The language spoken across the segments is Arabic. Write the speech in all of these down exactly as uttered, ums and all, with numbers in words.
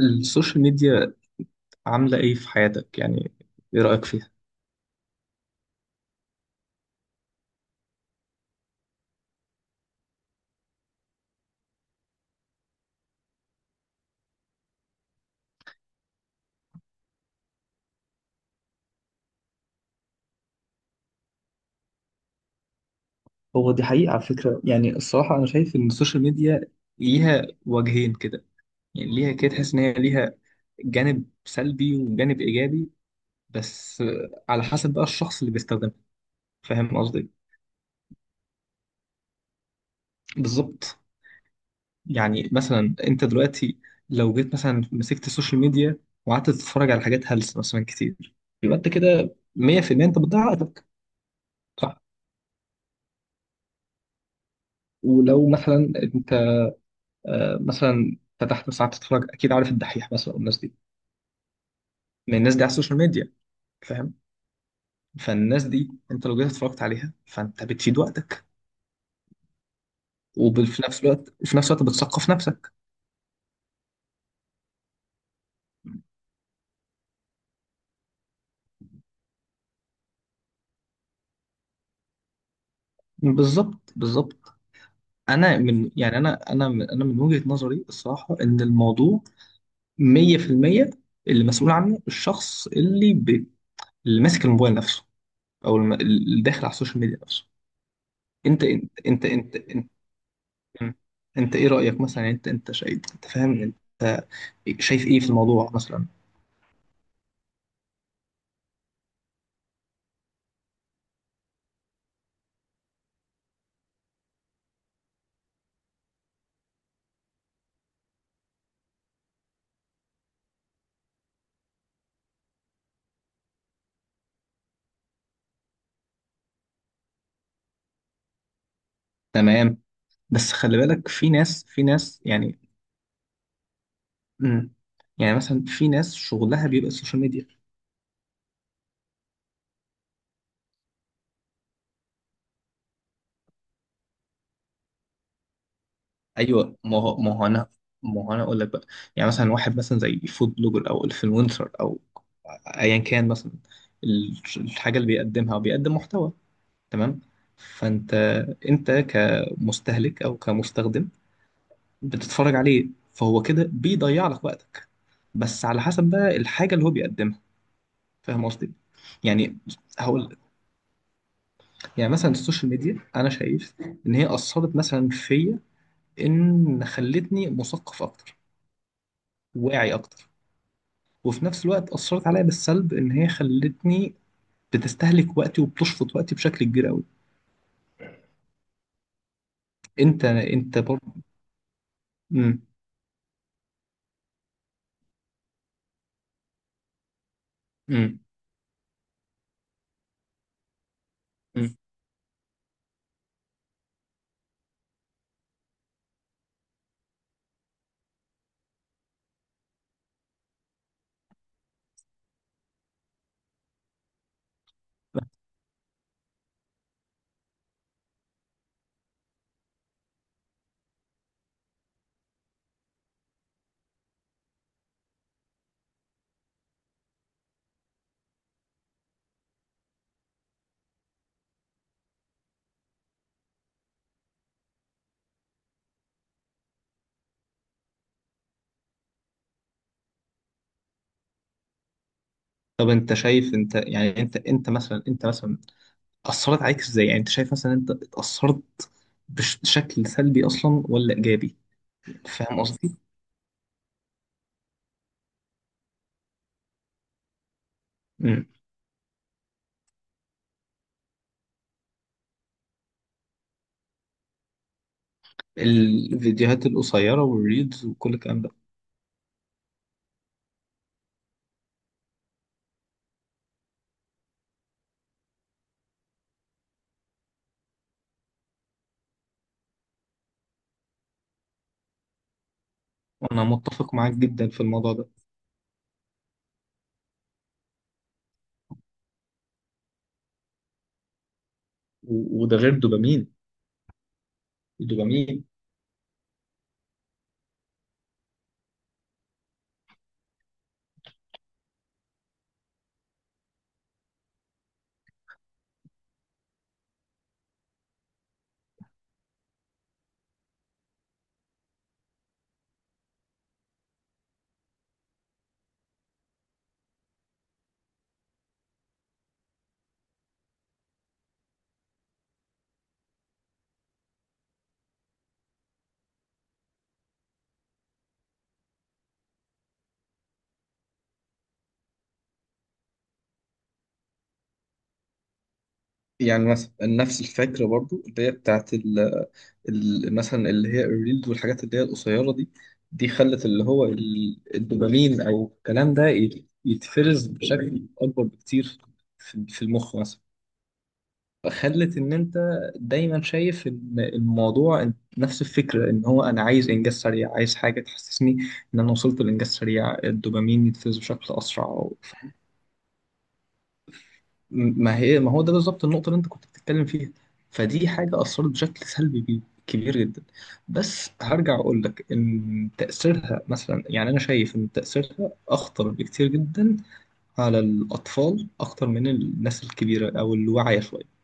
السوشيال ميديا عاملة إيه في حياتك؟ يعني إيه رأيك فيها؟ هو دي حقيقة على فكرة، يعني الصراحة أنا شايف إن السوشيال ميديا ليها وجهين كده. يعني ليها كده، تحس إن هي ليها جانب سلبي وجانب إيجابي، بس على حسب بقى الشخص اللي بيستخدمها. فاهم قصدي؟ بالظبط. يعني مثلا أنت دلوقتي لو جيت مثلا مسكت السوشيال ميديا وقعدت تتفرج على حاجات هلس مثلا كتير، يبقى أنت كده مية في المية أنت بتضيع وقتك. صح؟ ولو مثلا انت آه، مثلا فتحت ساعات تتفرج، اكيد عارف الدحيح مثلا والناس دي، من الناس دي على السوشيال ميديا. فاهم. فالناس دي انت لو جيت اتفرجت عليها فانت بتفيد وقتك، وفي نفس الوقت في نفس الوقت بتثقف نفسك. بالظبط بالظبط. انا من، يعني انا انا من انا من وجهة نظري الصراحة ان الموضوع مية في المية اللي مسؤول عنه الشخص اللي ب... اللي ماسك الموبايل نفسه، او الم- اللي داخل على السوشيال ميديا نفسه. انت انت انت انت, انت, مم. انت ايه رأيك مثلا؟ يعني انت انت شايف، انت فاهم، انت شايف ايه في الموضوع مثلا؟ تمام. بس خلي بالك، في ناس في ناس يعني. مم. يعني مثلا في ناس شغلها بيبقى السوشيال ميديا. ايوه، ما هو ما هو انا ما هو انا اقول لك بقى. يعني مثلا واحد مثلا زي فود بلوجر او انفلونسر او ايا كان مثلا، ال- الحاجه اللي بيقدمها او بيقدم محتوى. تمام. فانت، انت كمستهلك او كمستخدم بتتفرج عليه، فهو كده بيضيع لك وقتك، بس على حسب بقى الحاجة اللي هو بيقدمها. فاهم قصدي؟ يعني هقول لك، يعني مثلا السوشيال ميديا أنا شايف إن هي أثرت مثلا فيا، إن خلتني مثقف أكتر، واعي أكتر، وفي نفس الوقت أثرت عليا بالسلب إن هي خلتني بتستهلك وقتي وبتشفط وقتي بشكل كبير قوي. أنت أنت برضه. مم. مم. مم. طب انت شايف؟ انت يعني انت انت مثلا، انت مثلا أثرت عليك إزاي؟ يعني أنت شايف مثلا أنت اتأثرت بشكل سلبي أصلا ولا إيجابي؟ فاهم قصدي؟ مم. الفيديوهات القصيرة والريلز وكل الكلام ده. أنا متفق معاك جدا في الموضوع ده. و- وده غير دوبامين، الدوبامين. يعني مثلا نفس الفكرة برضو اللي هي بتاعت ال- ال- مثلا اللي هي الريلز والحاجات اللي هي القصيرة دي، دي خلت اللي هو ال- الدوبامين أو الكلام ده يت- يتفرز بشكل أكبر بكتير في في المخ مثلا. خلت ان انت دايما شايف ان الموضوع، نفس الفكره، ان هو انا عايز انجاز سريع، عايز حاجه تحسسني ان انا وصلت لانجاز سريع، الدوبامين يتفرز بشكل اسرع أو. ما هي ما هو ده بالظبط النقطه اللي انت كنت بتتكلم فيها. فدي حاجه اثرت بشكل سلبي بي- كبير جدا. بس هرجع اقول لك ان تاثيرها مثلا، يعني انا شايف ان تاثيرها اخطر بكتير جدا على الاطفال اكتر من الناس الكبيره او الواعيه شويه.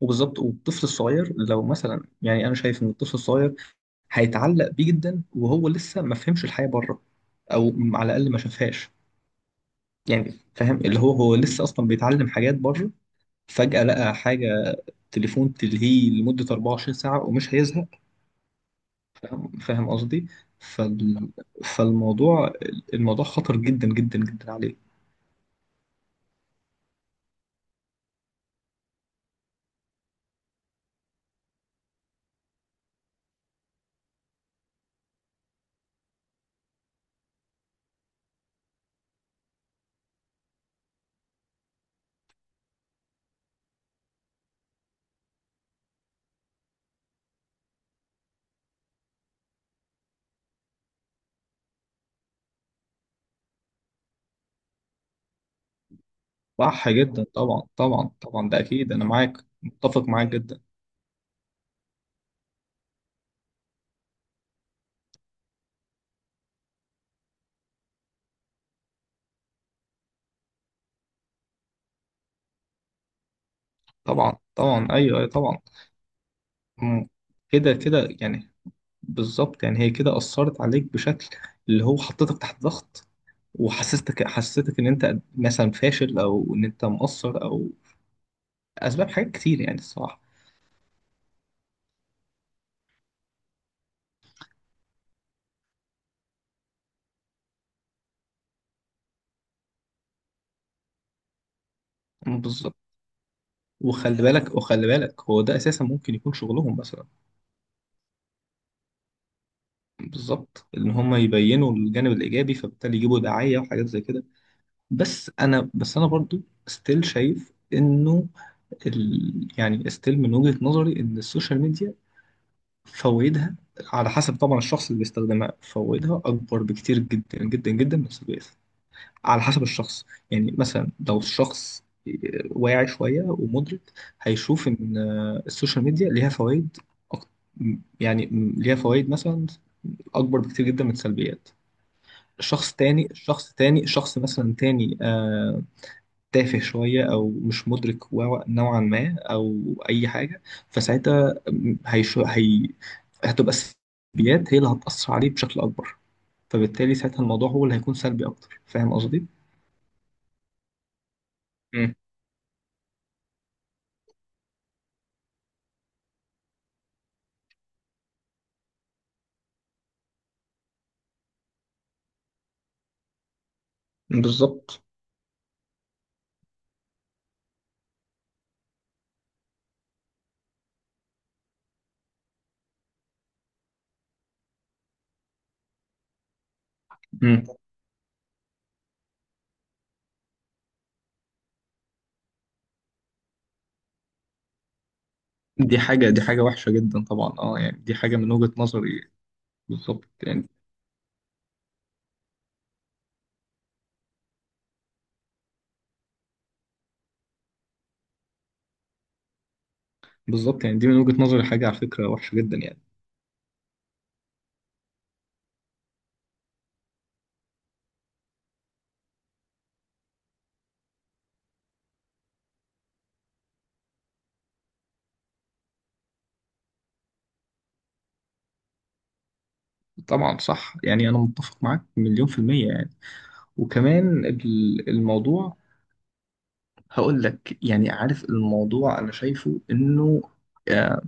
وبالظبط. والطفل الصغير لو مثلا، يعني انا شايف ان الطفل الصغير هيتعلق بيه جدا وهو لسه ما فهمش الحياة بره، او على الاقل ما شافهاش. يعني فاهم، اللي هو هو لسه اصلا بيتعلم حاجات بره، فجأة لقى حاجة، تليفون تلهيه لمدة 24 ساعة ومش هيزهق. فاهم، فاهم قصدي. فال... فالموضوع، الموضوع خطر جدا جدا جدا عليه. صح جدا. طبعا طبعا طبعا، ده اكيد انا معاك، متفق معاك جدا. طبعا طبعا، ايوه، أيوة، طبعا. مم. كده كده يعني، بالظبط. يعني هي كده أثرت عليك بشكل، اللي هو حطيتك تحت ضغط، وحسستك حسستك إن أنت مثلا فاشل، أو إن أنت مقصر، أو أسباب حاجات كتير يعني الصراحة. مم، بالظبط. وخلي بالك وخلي بالك، هو ده أساسا ممكن يكون شغلهم مثلا. بالظبط، إن هم يبينوا الجانب الإيجابي فبالتالي يجيبوا دعاية وحاجات زي كده. بس أنا بس أنا برضو ستيل شايف إنه، ال... يعني ستيل من وجهة نظري إن السوشيال ميديا فوائدها، على حسب طبعا الشخص اللي بيستخدمها، فوائدها أكبر بكتير جدا جدا جدا من السجاير، على حسب الشخص. يعني مثلا لو الشخص واعي شوية ومدرك، هيشوف إن السوشيال ميديا ليها فوائد أك- يعني ليها فوائد مثلا أكبر بكتير جدا من السلبيات. شخص تاني شخص تاني شخص مثلا تاني، آه، تافه شوية أو مش مدرك و- نوعا ما، أو أي حاجة، فساعتها هيشو هي هتبقى السلبيات هي اللي هتأثر عليه بشكل أكبر، فبالتالي ساعتها الموضوع هو اللي هيكون سلبي أكتر. فاهم قصدي؟ مم. بالظبط. مم. دي حاجة دي حاجة وحشة جدا طبعا، اه، يعني دي حاجة من وجهة نظري. بالظبط يعني. بالظبط يعني، دي من وجهة نظري حاجة على فكرة وحشة جدا يعني. طبعا صح، يعني أنا متفق معاك مليون في المية يعني. وكمان ال- الموضوع، هقول لك يعني، عارف الموضوع انا شايفه انه، آه،